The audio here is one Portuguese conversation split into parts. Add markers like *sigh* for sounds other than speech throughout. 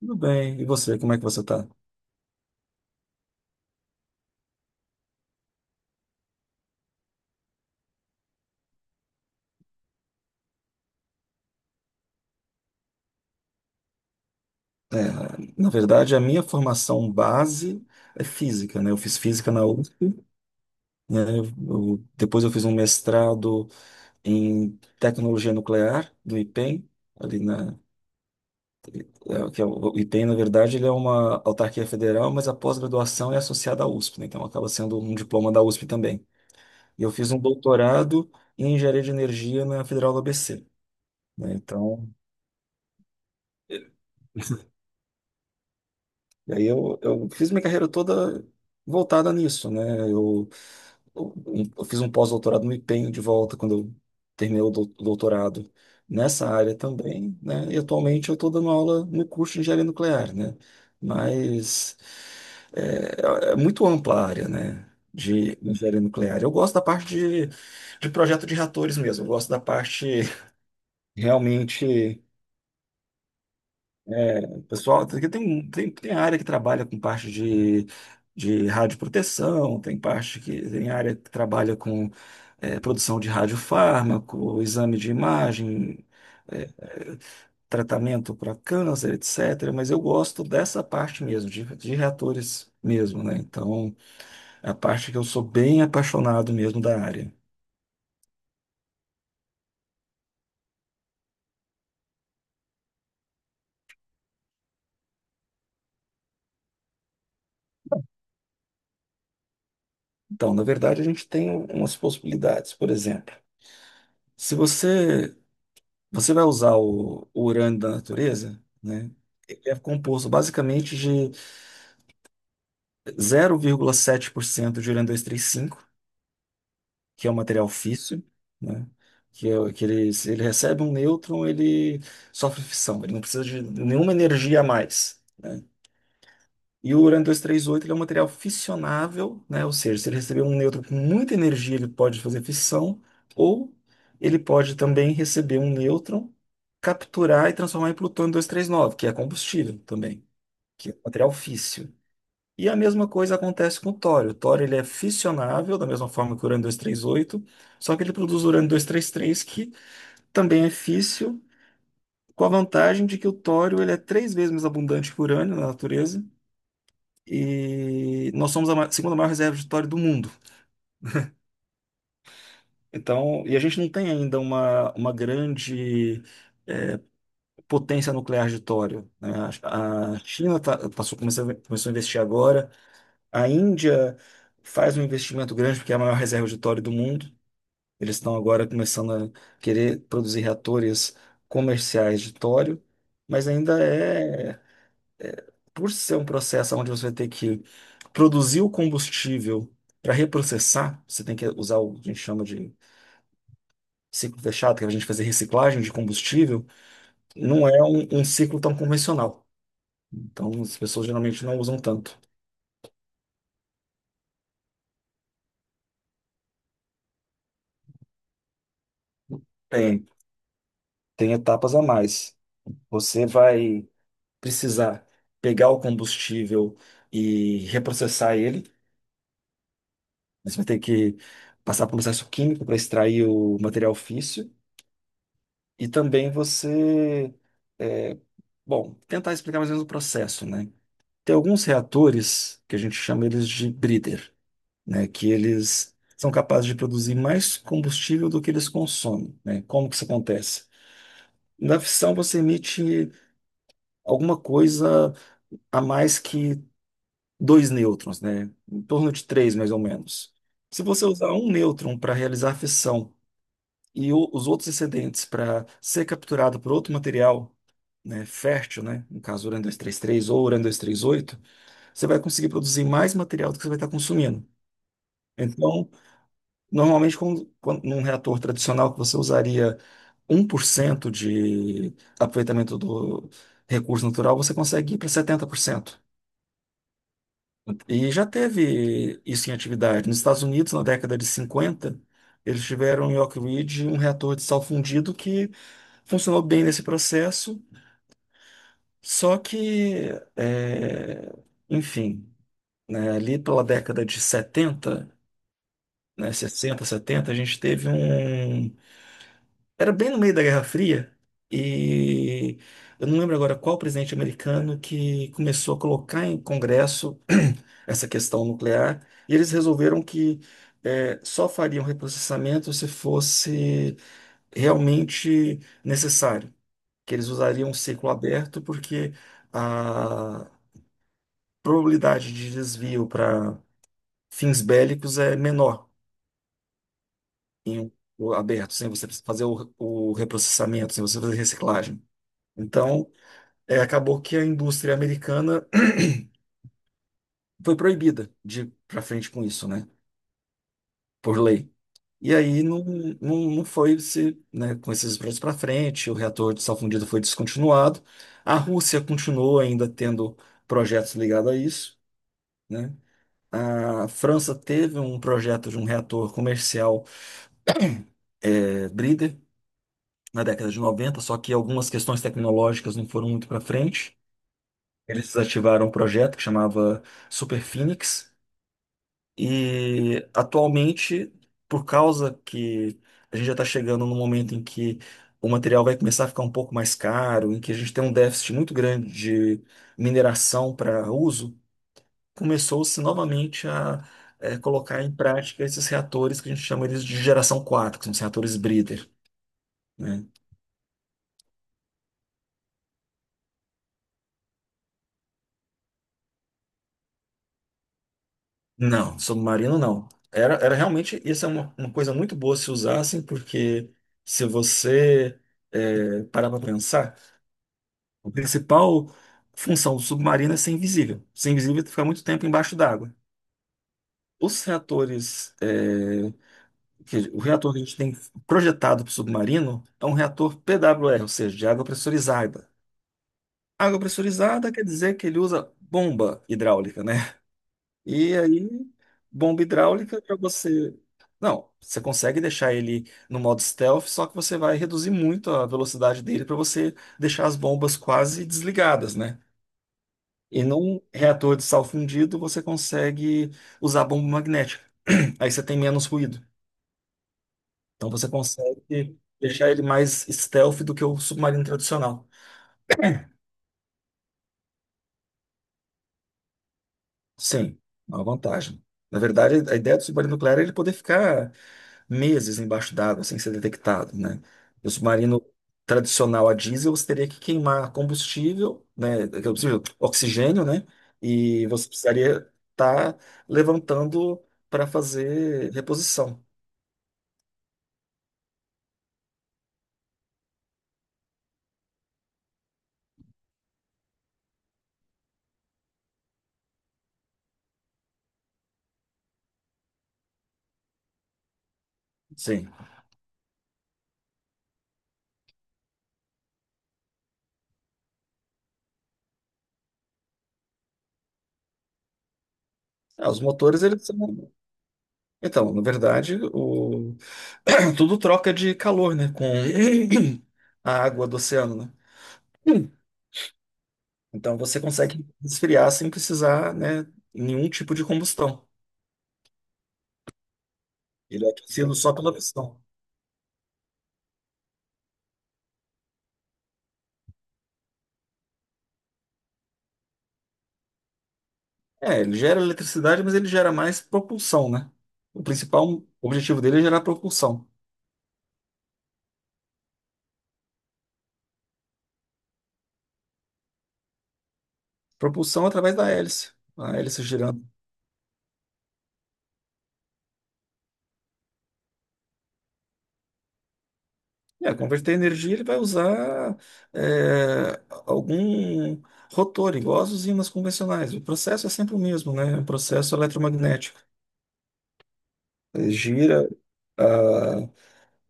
Tudo bem. E você, como é que você está? Na verdade, a minha formação base é física, né? Eu fiz física na USP, né? Depois eu fiz um mestrado em tecnologia nuclear do IPEM, ali na, que é o IPEM, na verdade, ele é uma autarquia federal, mas a pós-graduação é associada à USP, né? Então acaba sendo um diploma da USP também. E eu fiz um doutorado em engenharia de energia na Federal do ABC, né? Então. E aí eu fiz minha carreira toda voltada nisso, né? Eu, eu, eu fiz um pós-doutorado no empenho de volta quando eu terminei o doutorado nessa área também, né? E atualmente eu estou dando aula no curso de engenharia nuclear, né? Mas é muito ampla a área, né? De engenharia nuclear. Eu gosto da parte de projeto de reatores mesmo, eu gosto da parte *laughs* realmente. É, pessoal, tem área que trabalha com parte de radioproteção, tem parte que tem área que trabalha com produção de radiofármaco, exame de imagem, é, é, tratamento para câncer, etc. Mas eu gosto dessa parte mesmo, de reatores mesmo, né? Então, é a parte que eu sou bem apaixonado mesmo da área. Então, na verdade, a gente tem umas possibilidades, por exemplo. Se você Você vai usar o urânio da natureza, né? Ele é composto basicamente de 0,7% de urânio-235, que é um material físsil, né? Que, é, que ele, se ele recebe um nêutron, ele sofre fissão, ele não precisa de nenhuma energia a mais, né? E o urânio 238 ele é um material fissionável, né? Ou seja, se ele receber um nêutron com muita energia, ele pode fazer fissão, ou ele pode também receber um nêutron, capturar e transformar em plutônio 239, que é combustível também, que é um material físsil. E a mesma coisa acontece com o tório. O tório ele é fissionável, da mesma forma que o urânio 238, só que ele produz o urânio 233, que também é físsil, com a vantagem de que o tório ele é três vezes mais abundante que o urânio na natureza, e nós somos a segunda maior reserva de petróleo do mundo. Então, e a gente não tem ainda uma grande potência nuclear de tório, né? A China tá, passou, começou a investir agora. A Índia faz um investimento grande porque é a maior reserva de tório do mundo. Eles estão agora começando a querer produzir reatores comerciais de tório, mas ainda é, por ser um processo onde você tem que produzir o combustível para reprocessar, você tem que usar o que a gente chama de ciclo fechado, que é a gente fazer reciclagem de combustível, não é um ciclo tão convencional. Então, as pessoas geralmente não usam tanto. Tem, tem etapas a mais. Você vai precisar pegar o combustível e reprocessar ele. Você vai ter que passar por um processo químico para extrair o material físsil. E também você eh, Bom, tentar explicar mais ou menos o processo, né? Tem alguns reatores que a gente chama eles de breeder, né? Que eles são capazes de produzir mais combustível do que eles consomem, né? Como que isso acontece? Na fissão você emite alguma coisa a mais que dois nêutrons, né? Em torno de três, mais ou menos. Se você usar um nêutron para realizar a fissão e os outros excedentes para ser capturado por outro material, né, fértil, né? No caso, urânio-233 ou urânio-238, você vai conseguir produzir mais material do que você vai estar consumindo. Então, normalmente, num reator tradicional, que você usaria 1% de aproveitamento do recurso natural, você consegue ir para 70%. E já teve isso em atividade. Nos Estados Unidos, na década de 50, eles tiveram em Oak Ridge um reator de sal fundido que funcionou bem nesse processo, só que, é, enfim, né, ali pela década de 70, né, sessenta, setenta, a gente teve um. Era bem no meio da Guerra Fria, e eu não lembro agora qual presidente americano que começou a colocar em Congresso *clears throat* essa questão nuclear, e eles resolveram que só fariam reprocessamento se fosse realmente necessário, que eles usariam um ciclo aberto, porque a probabilidade de desvio para fins bélicos é menor. Em o aberto, sem você fazer o reprocessamento, sem você fazer reciclagem. Então, é, acabou que a indústria americana *clears throat* foi proibida de ir para frente com isso, né? Por lei. E aí não, não, não foi se, né, com esses projetos para frente, o reator de sal fundido foi descontinuado. A Rússia continuou ainda tendo projetos ligados a isso, né? A França teve um projeto de um reator comercial é, na década de 90, só que algumas questões tecnológicas não foram muito para frente. Eles desativaram um projeto que chamava Super Phoenix, e atualmente, por causa que a gente já está chegando no momento em que o material vai começar a ficar um pouco mais caro, em que a gente tem um déficit muito grande de mineração para uso, começou-se novamente a colocar em prática esses reatores que a gente chama eles de geração 4, que são os reatores Breeder, né? Não, submarino não. Era, era realmente, isso é uma coisa muito boa se usassem, porque, se você parar para pensar, a principal função do submarino é ser invisível. Ser invisível é ficar muito tempo embaixo d'água. Os reatores, o reator que a gente tem projetado para o submarino é um reator PWR, ou seja, de água pressurizada. Água pressurizada quer dizer que ele usa bomba hidráulica, né? E aí, bomba hidráulica para você. Não, você consegue deixar ele no modo stealth, só que você vai reduzir muito a velocidade dele para você deixar as bombas quase desligadas, né? E num reator de sal fundido, você consegue usar bomba magnética. Aí você tem menos ruído. Então você consegue deixar ele mais stealth do que o submarino tradicional. Sim, é uma vantagem. Na verdade, a ideia do submarino nuclear é ele poder ficar meses embaixo d'água sem ser detectado, né? O submarino tradicional a diesel, você teria que queimar combustível, né? Aquele combustível, oxigênio, né? E você precisaria estar levantando para fazer reposição. Sim. Ah, os motores, eles são... Então, na verdade, o... *clears throat* tudo troca de calor, né? Com *clears throat* a água do oceano, né? Então você consegue esfriar sem precisar, né, nenhum tipo de combustão. Ele é aquecido só pela pistão. É, ele gera eletricidade, mas ele gera mais propulsão, né? O principal objetivo dele é gerar propulsão. Propulsão através da hélice. A hélice girando. É, converter energia, ele vai usar algum rotor, igual as usinas convencionais. O processo é sempre o mesmo, né? O processo eletromagnético. Ele gira ah,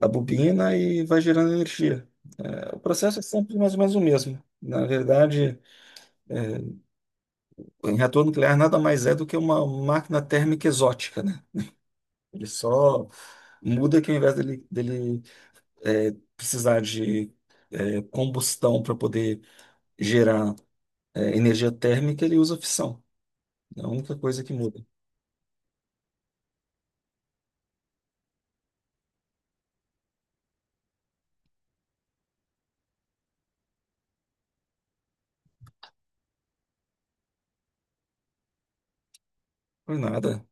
a bobina e vai gerando energia. É, o processo é sempre mais ou menos o mesmo. Na verdade, o reator nuclear nada mais é do que uma máquina térmica exótica, né? Ele só muda que ao invés dele precisar de combustão para poder gerar energia térmica, ele usa fissão. É a única coisa que muda. Por nada.